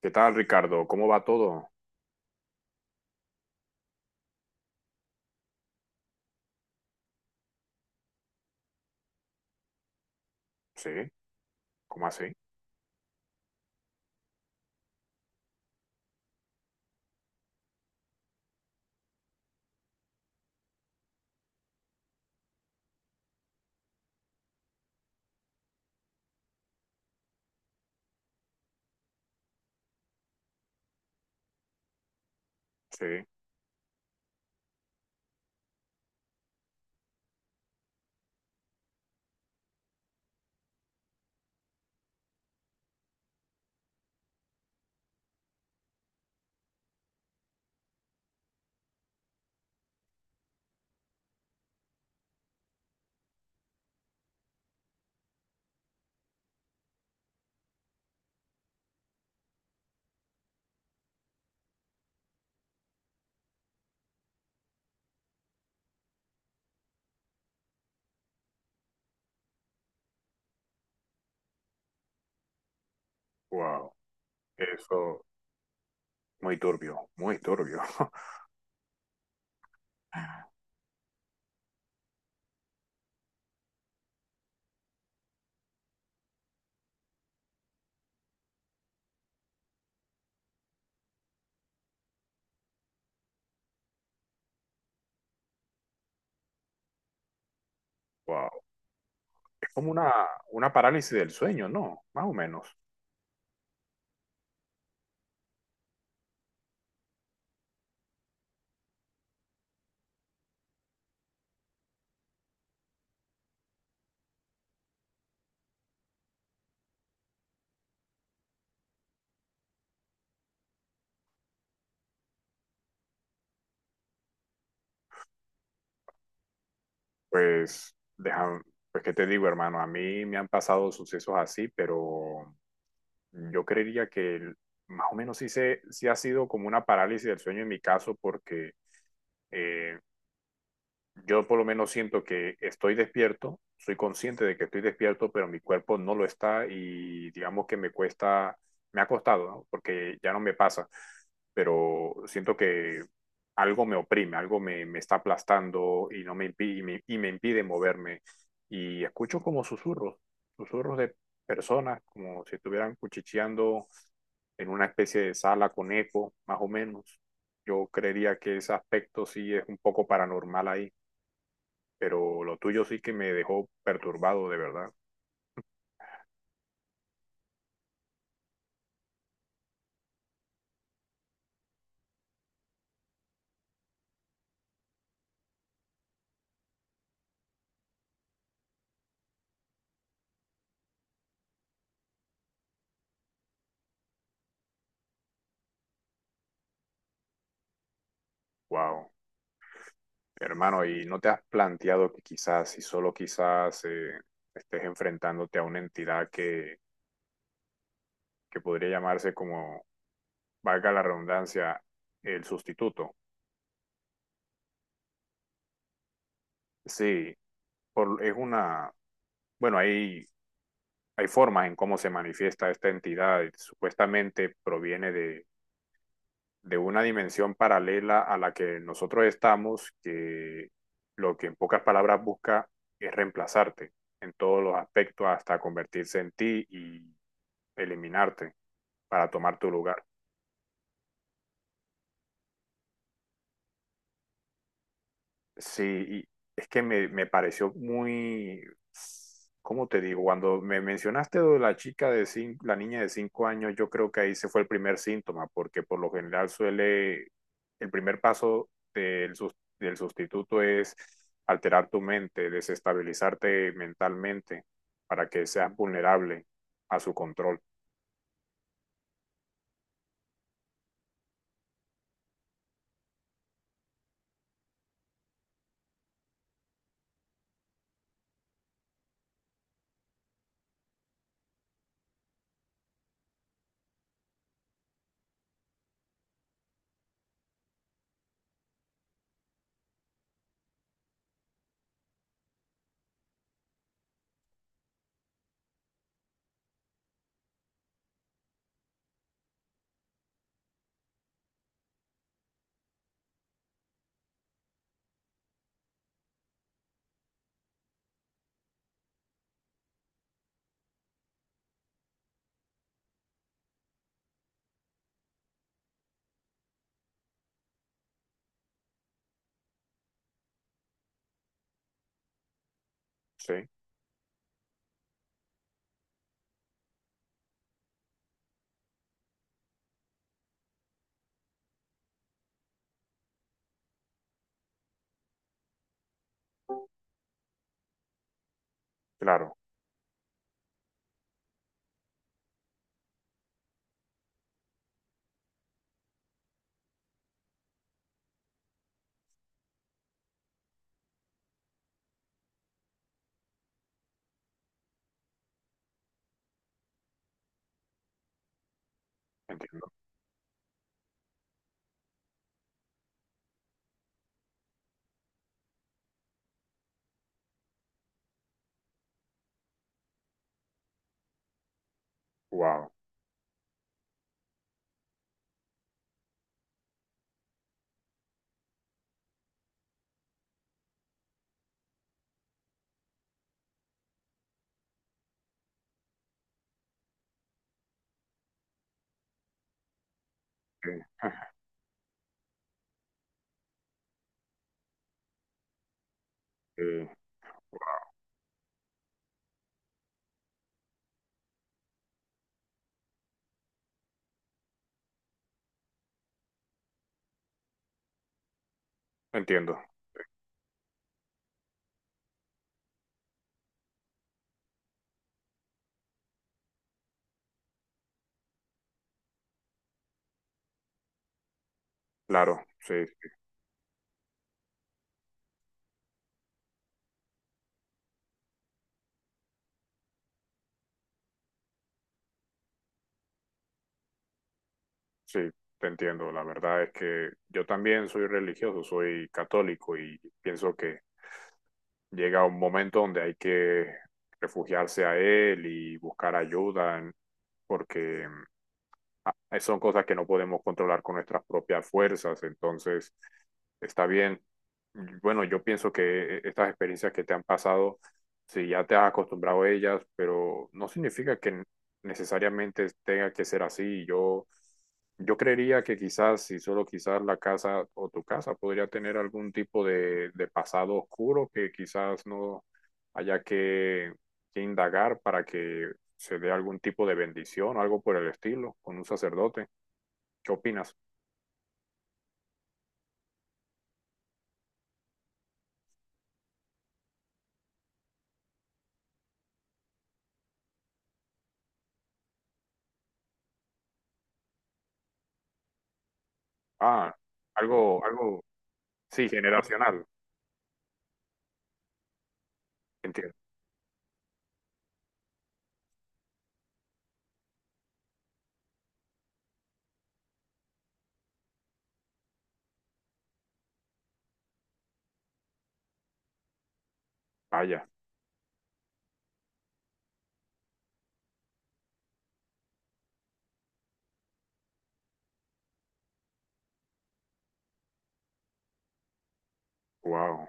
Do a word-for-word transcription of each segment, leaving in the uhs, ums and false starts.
¿Qué tal, Ricardo? ¿Cómo va todo? Sí, ¿cómo así? Sí, wow. Eso, muy turbio, muy turbio. Wow. Es como una, una parálisis del sueño, ¿no? Más o menos. Pues, deja, pues, ¿qué te digo, hermano? A mí me han pasado sucesos así, pero yo creería que el- más o menos sí, se, sí ha sido como una parálisis del sueño en mi caso, porque eh, yo por lo menos siento que estoy despierto, soy consciente de que estoy despierto, pero mi cuerpo no lo está y digamos que me cuesta, me ha costado, ¿no? Porque ya no me pasa, pero siento que algo me oprime, algo me, me está aplastando y no me impi- y, me, y me impide moverme. Y escucho como susurros, susurros de personas, como si estuvieran cuchicheando en una especie de sala con eco, más o menos. Yo creería que ese aspecto sí es un poco paranormal ahí, pero lo tuyo sí que me dejó perturbado de verdad. Wow. Hermano, ¿y no te has planteado que quizás, y solo quizás, eh, estés enfrentándote a una entidad que, que podría llamarse como, valga la redundancia, el sustituto? Sí, por- es una, bueno, hay, hay formas en cómo se manifiesta esta entidad. Supuestamente proviene de, de una dimensión paralela a la que nosotros estamos, que lo que en pocas palabras busca es reemplazarte en todos los aspectos hasta convertirse en ti y eliminarte para tomar tu lugar. Sí, y es que me, me pareció muy, ¿cómo te digo? Cuando me mencionaste lo de la chica de cinco, la niña de cinco años, yo creo que ahí se fue el primer síntoma, porque por lo general suele, el primer paso del, sus- del sustituto es alterar tu mente, desestabilizarte mentalmente para que seas vulnerable a su control. Sí, claro, entiendo. Wow. Sí, sí, entiendo, claro, sí. Sí, te entiendo. La verdad es que yo también soy religioso, soy católico y pienso que llega un momento donde hay que refugiarse a él y buscar ayuda, porque Ah, son cosas que no podemos controlar con nuestras propias fuerzas, entonces está bien. Bueno, yo pienso que eh, estas experiencias que te han pasado, si ya te has acostumbrado a ellas, pero no significa que necesariamente tenga que ser así. Yo, yo creería que quizás, si solo quizás la casa o tu casa podría tener algún tipo de, de pasado oscuro que quizás no haya que, que indagar para que se dé algún tipo de bendición, algo por el estilo, con un sacerdote. ¿Qué opinas? Ah, algo, algo, sí, generacional. Entiendo. Vaya, wow,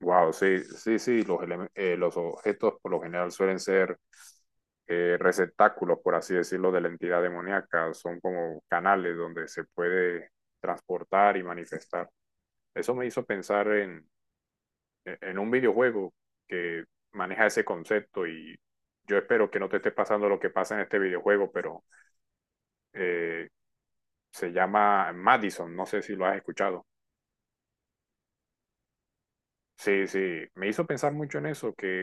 wow, sí, sí, sí, los, eleme- eh, los objetos por lo general suelen ser eh, receptáculos, por así decirlo, de la entidad demoníaca, son como canales donde se puede transportar y manifestar. Eso me hizo pensar en, e, en un videojuego que maneja ese concepto y yo espero que no te esté pasando lo que pasa en este videojuego, pero eh, se llama Madison, no sé si lo has escuchado. Sí, sí, me hizo pensar mucho en eso, que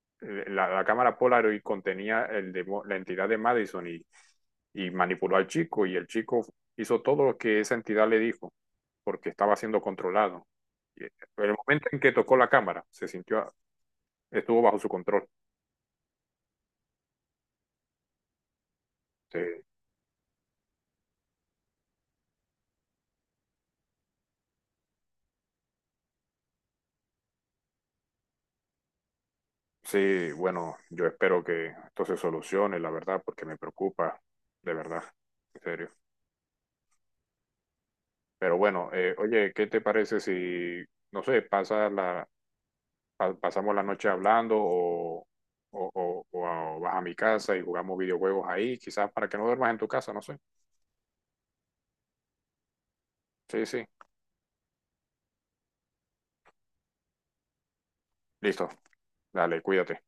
eh, la, la cámara Polaroid contenía el demo- la entidad de Madison y, y manipuló al chico y el chico hizo todo lo que esa entidad le dijo porque estaba siendo controlado. Y, eh, el momento en que tocó la cámara, se sintió, ah, estuvo bajo su control. Sí, sí, bueno, yo espero que esto se solucione, la verdad, porque me preocupa, de verdad, en serio. Pero bueno, eh, oye, ¿qué te parece si, no sé, pasa la, pa- pasamos la noche hablando o, o, o- o a- o vas a mi casa y jugamos videojuegos ahí, quizás para que no duermas en tu casa, no sé. Sí, sí, listo, dale, cuídate.